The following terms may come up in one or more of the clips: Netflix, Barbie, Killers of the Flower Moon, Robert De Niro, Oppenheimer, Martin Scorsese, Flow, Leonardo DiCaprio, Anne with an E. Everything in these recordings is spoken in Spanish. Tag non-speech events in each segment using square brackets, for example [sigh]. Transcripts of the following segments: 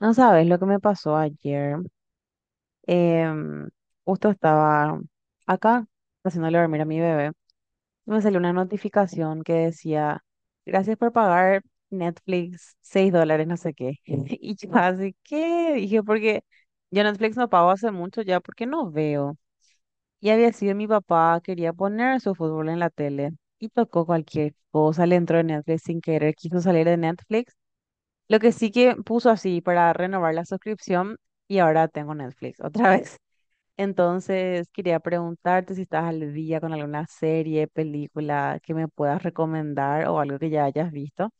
No sabes lo que me pasó ayer. Em, Justo estaba acá haciéndole dormir a mi bebé. Y me salió una notificación que decía, gracias por pagar Netflix $6, no sé qué. [laughs] Y yo así, ¿qué? Dije, porque yo Netflix no pago hace mucho ya porque no veo. Y había sido mi papá, quería poner su fútbol en la tele. Y tocó cualquier cosa, le entró en Netflix sin querer, quiso salir de Netflix lo que sí que puso así para renovar la suscripción y ahora tengo Netflix [laughs] otra vez. Entonces, quería preguntarte si estás al día con alguna serie, película que me puedas recomendar o algo que ya hayas visto.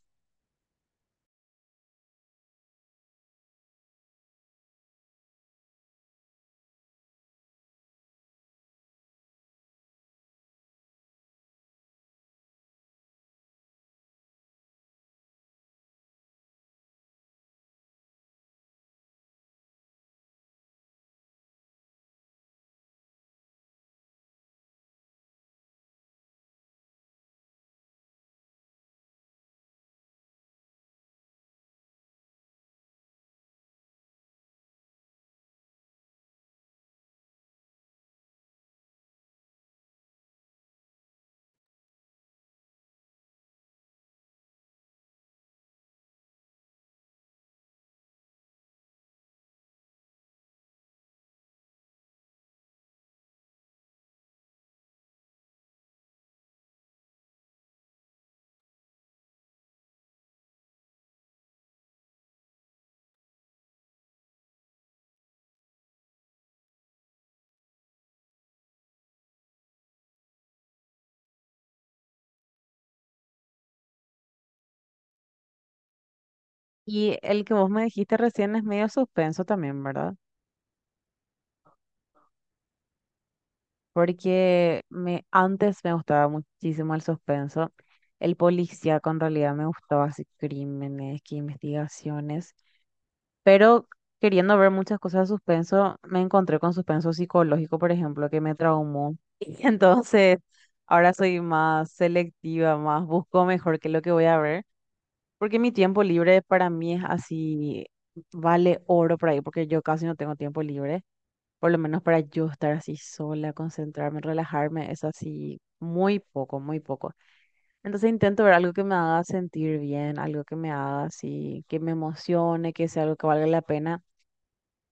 Y el que vos me dijiste recién es medio suspenso también, ¿verdad? Porque me, antes me gustaba muchísimo el suspenso. El policía con realidad me gustaba así crímenes, que investigaciones. Pero queriendo ver muchas cosas de suspenso, me encontré con suspenso psicológico, por ejemplo, que me traumó. [laughs] Y entonces ahora soy más selectiva, más busco mejor qué es lo que voy a ver, porque mi tiempo libre para mí es así, vale oro por ahí, porque yo casi no tengo tiempo libre, por lo menos para yo estar así sola, concentrarme, relajarme, es así muy poco, muy poco. Entonces intento ver algo que me haga sentir bien, algo que me haga así, que me emocione, que sea algo que valga la pena.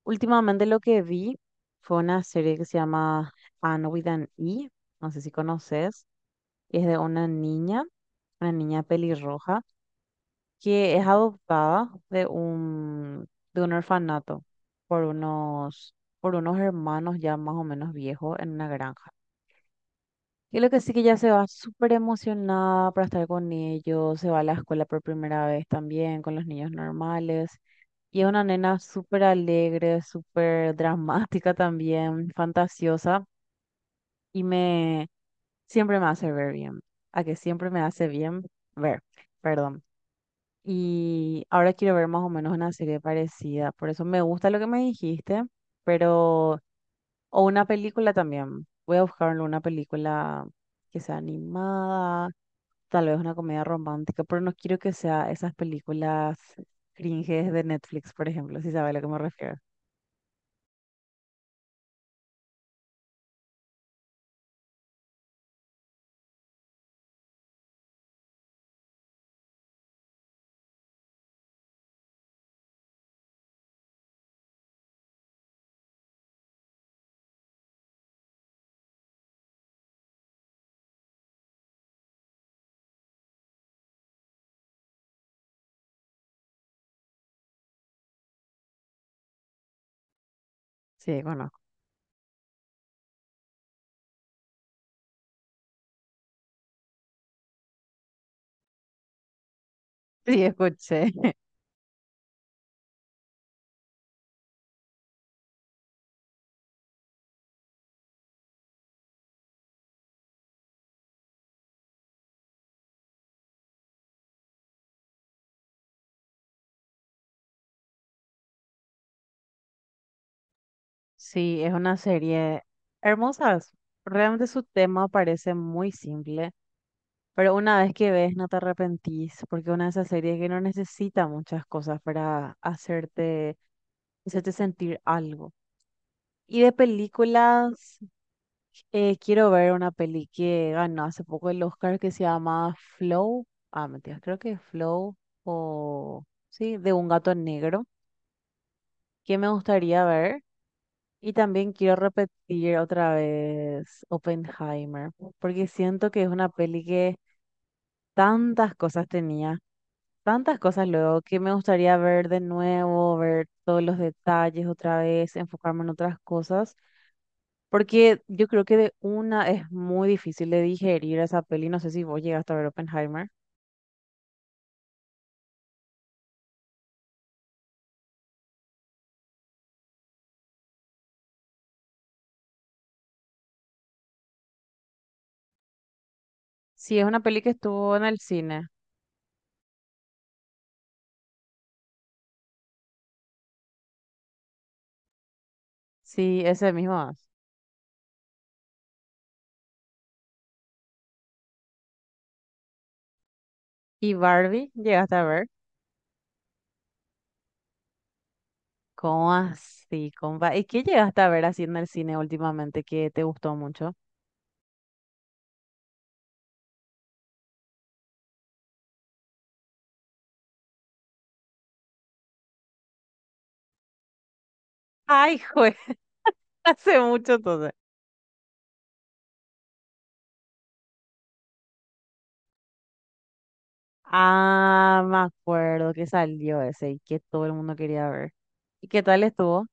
Últimamente lo que vi fue una serie que se llama Anne with an E, no sé si conoces, es de una niña pelirroja, que es adoptada de un, orfanato por unos, por unos hermanos ya más o menos viejos en una granja. Y lo que sí que ya se va súper emocionada para estar con ellos, se va a la escuela por primera vez también con los niños normales. Y es una nena súper alegre, súper dramática también, fantasiosa. Y me Siempre me hace ver bien. A que siempre me hace bien ver, perdón. Y ahora quiero ver más o menos una serie parecida. Por eso me gusta lo que me dijiste, pero. O una película también. Voy a buscar una película que sea animada tal vez una comedia romántica, pero no quiero que sea esas películas cringes de Netflix, por ejemplo, si sabe a lo que me refiero. Sí, conozco. Sí, escuché. [laughs] Sí, es una serie hermosa. Realmente su tema parece muy simple, pero una vez que ves no te arrepentís, porque es una de esas series que no necesita muchas cosas para hacerte sentir algo. Y de películas, quiero ver una peli que ganó hace poco el Oscar que se llama Flow. Ah, mentira, creo que es Flow o sí, de un gato negro, que me gustaría ver. Y también quiero repetir otra vez Oppenheimer, porque siento que es una peli que tantas cosas tenía, tantas cosas luego, que me gustaría ver de nuevo, ver todos los detalles otra vez, enfocarme en otras cosas. Porque yo creo que de una es muy difícil de digerir esa peli. No sé si vos llegaste a ver Oppenheimer. Sí, es una peli que estuvo en el cine. Sí, ese mismo es. ¿Y Barbie llegaste a ver? ¿Cómo así, compa? ¿Y qué llegaste a ver así en el cine últimamente que te gustó mucho? Ay, juez, [laughs] hace mucho entonces. Ah, me acuerdo que salió ese y que todo el mundo quería ver. ¿Y qué tal estuvo?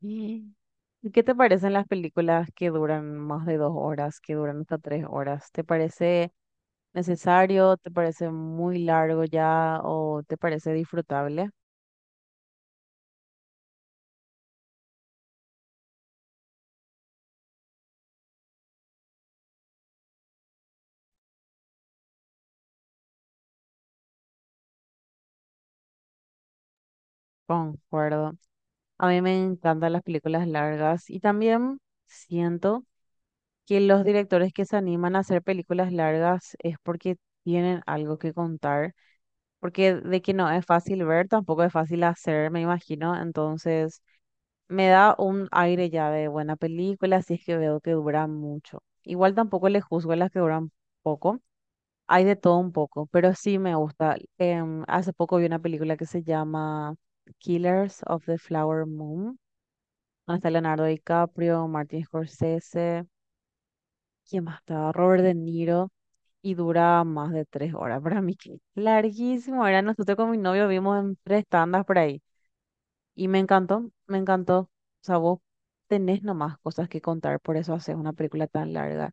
Mm. ¿Y qué te parecen las películas que duran más de 2 horas, que duran hasta 3 horas? ¿Te parece necesario? ¿Te parece muy largo ya? ¿O te parece disfrutable? Concuerdo. A mí me encantan las películas largas y también siento que los directores que se animan a hacer películas largas es porque tienen algo que contar, porque de que no es fácil ver, tampoco es fácil hacer, me imagino. Me da un aire ya de buena película si es que veo que dura mucho. Igual tampoco le juzgo a las que duran poco. Hay de todo un poco, pero sí me gusta. Hace poco vi una película que se llama Killers of the Flower Moon, donde está Leonardo DiCaprio, Martin Scorsese, ¿quién más estaba? Robert De Niro, y dura más de 3 horas. [laughs] Para mí que larguísimo era. Nosotros con mi novio vimos en tres tandas por ahí. Y me encantó, me encantó. O sea, vos tenés nomás cosas que contar, por eso haces una película tan larga.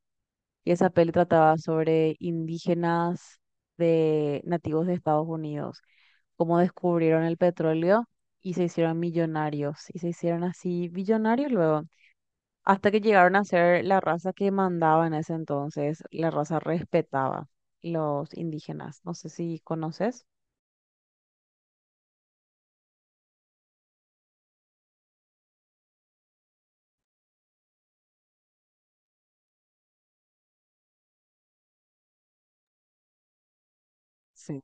Y esa peli trataba sobre indígenas de nativos de Estados Unidos, cómo descubrieron el petróleo y se hicieron millonarios. Y se hicieron así billonarios luego, hasta que llegaron a ser la raza que mandaba en ese entonces, la raza respetaba los indígenas. No sé si conoces. Sí.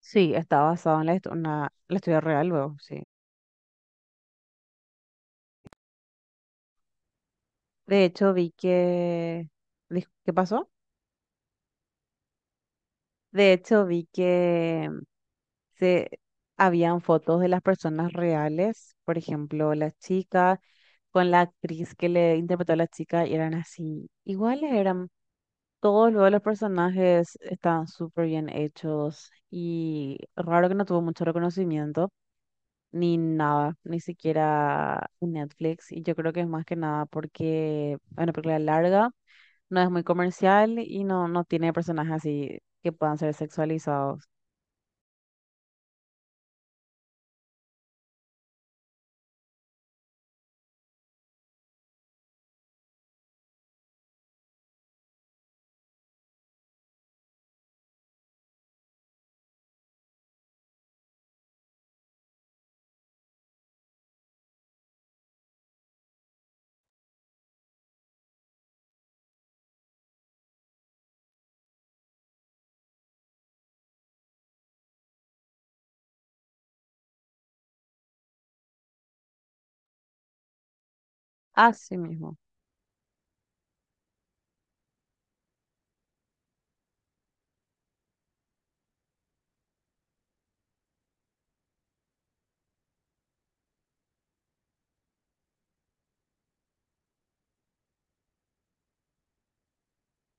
Sí, está basado en la, la historia real luego, sí. De hecho, vi que... dis- ¿Qué pasó? De hecho, vi que se habían fotos de las personas reales, por ejemplo, la chica con la actriz que le interpretó a la chica y eran así, iguales eran. Todos luego los personajes estaban súper bien hechos y raro que no tuvo mucho reconocimiento, ni nada, ni siquiera en Netflix. Y yo creo que es más que nada porque es una película larga no es muy comercial y no, no tiene personajes así que puedan ser sexualizados. Así mismo,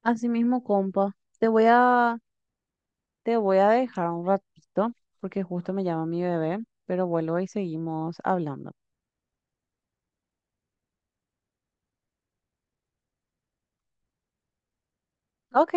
así mismo, compa. Te voy a dejar un ratito porque justo me llama mi bebé, pero vuelvo y seguimos hablando. Ok.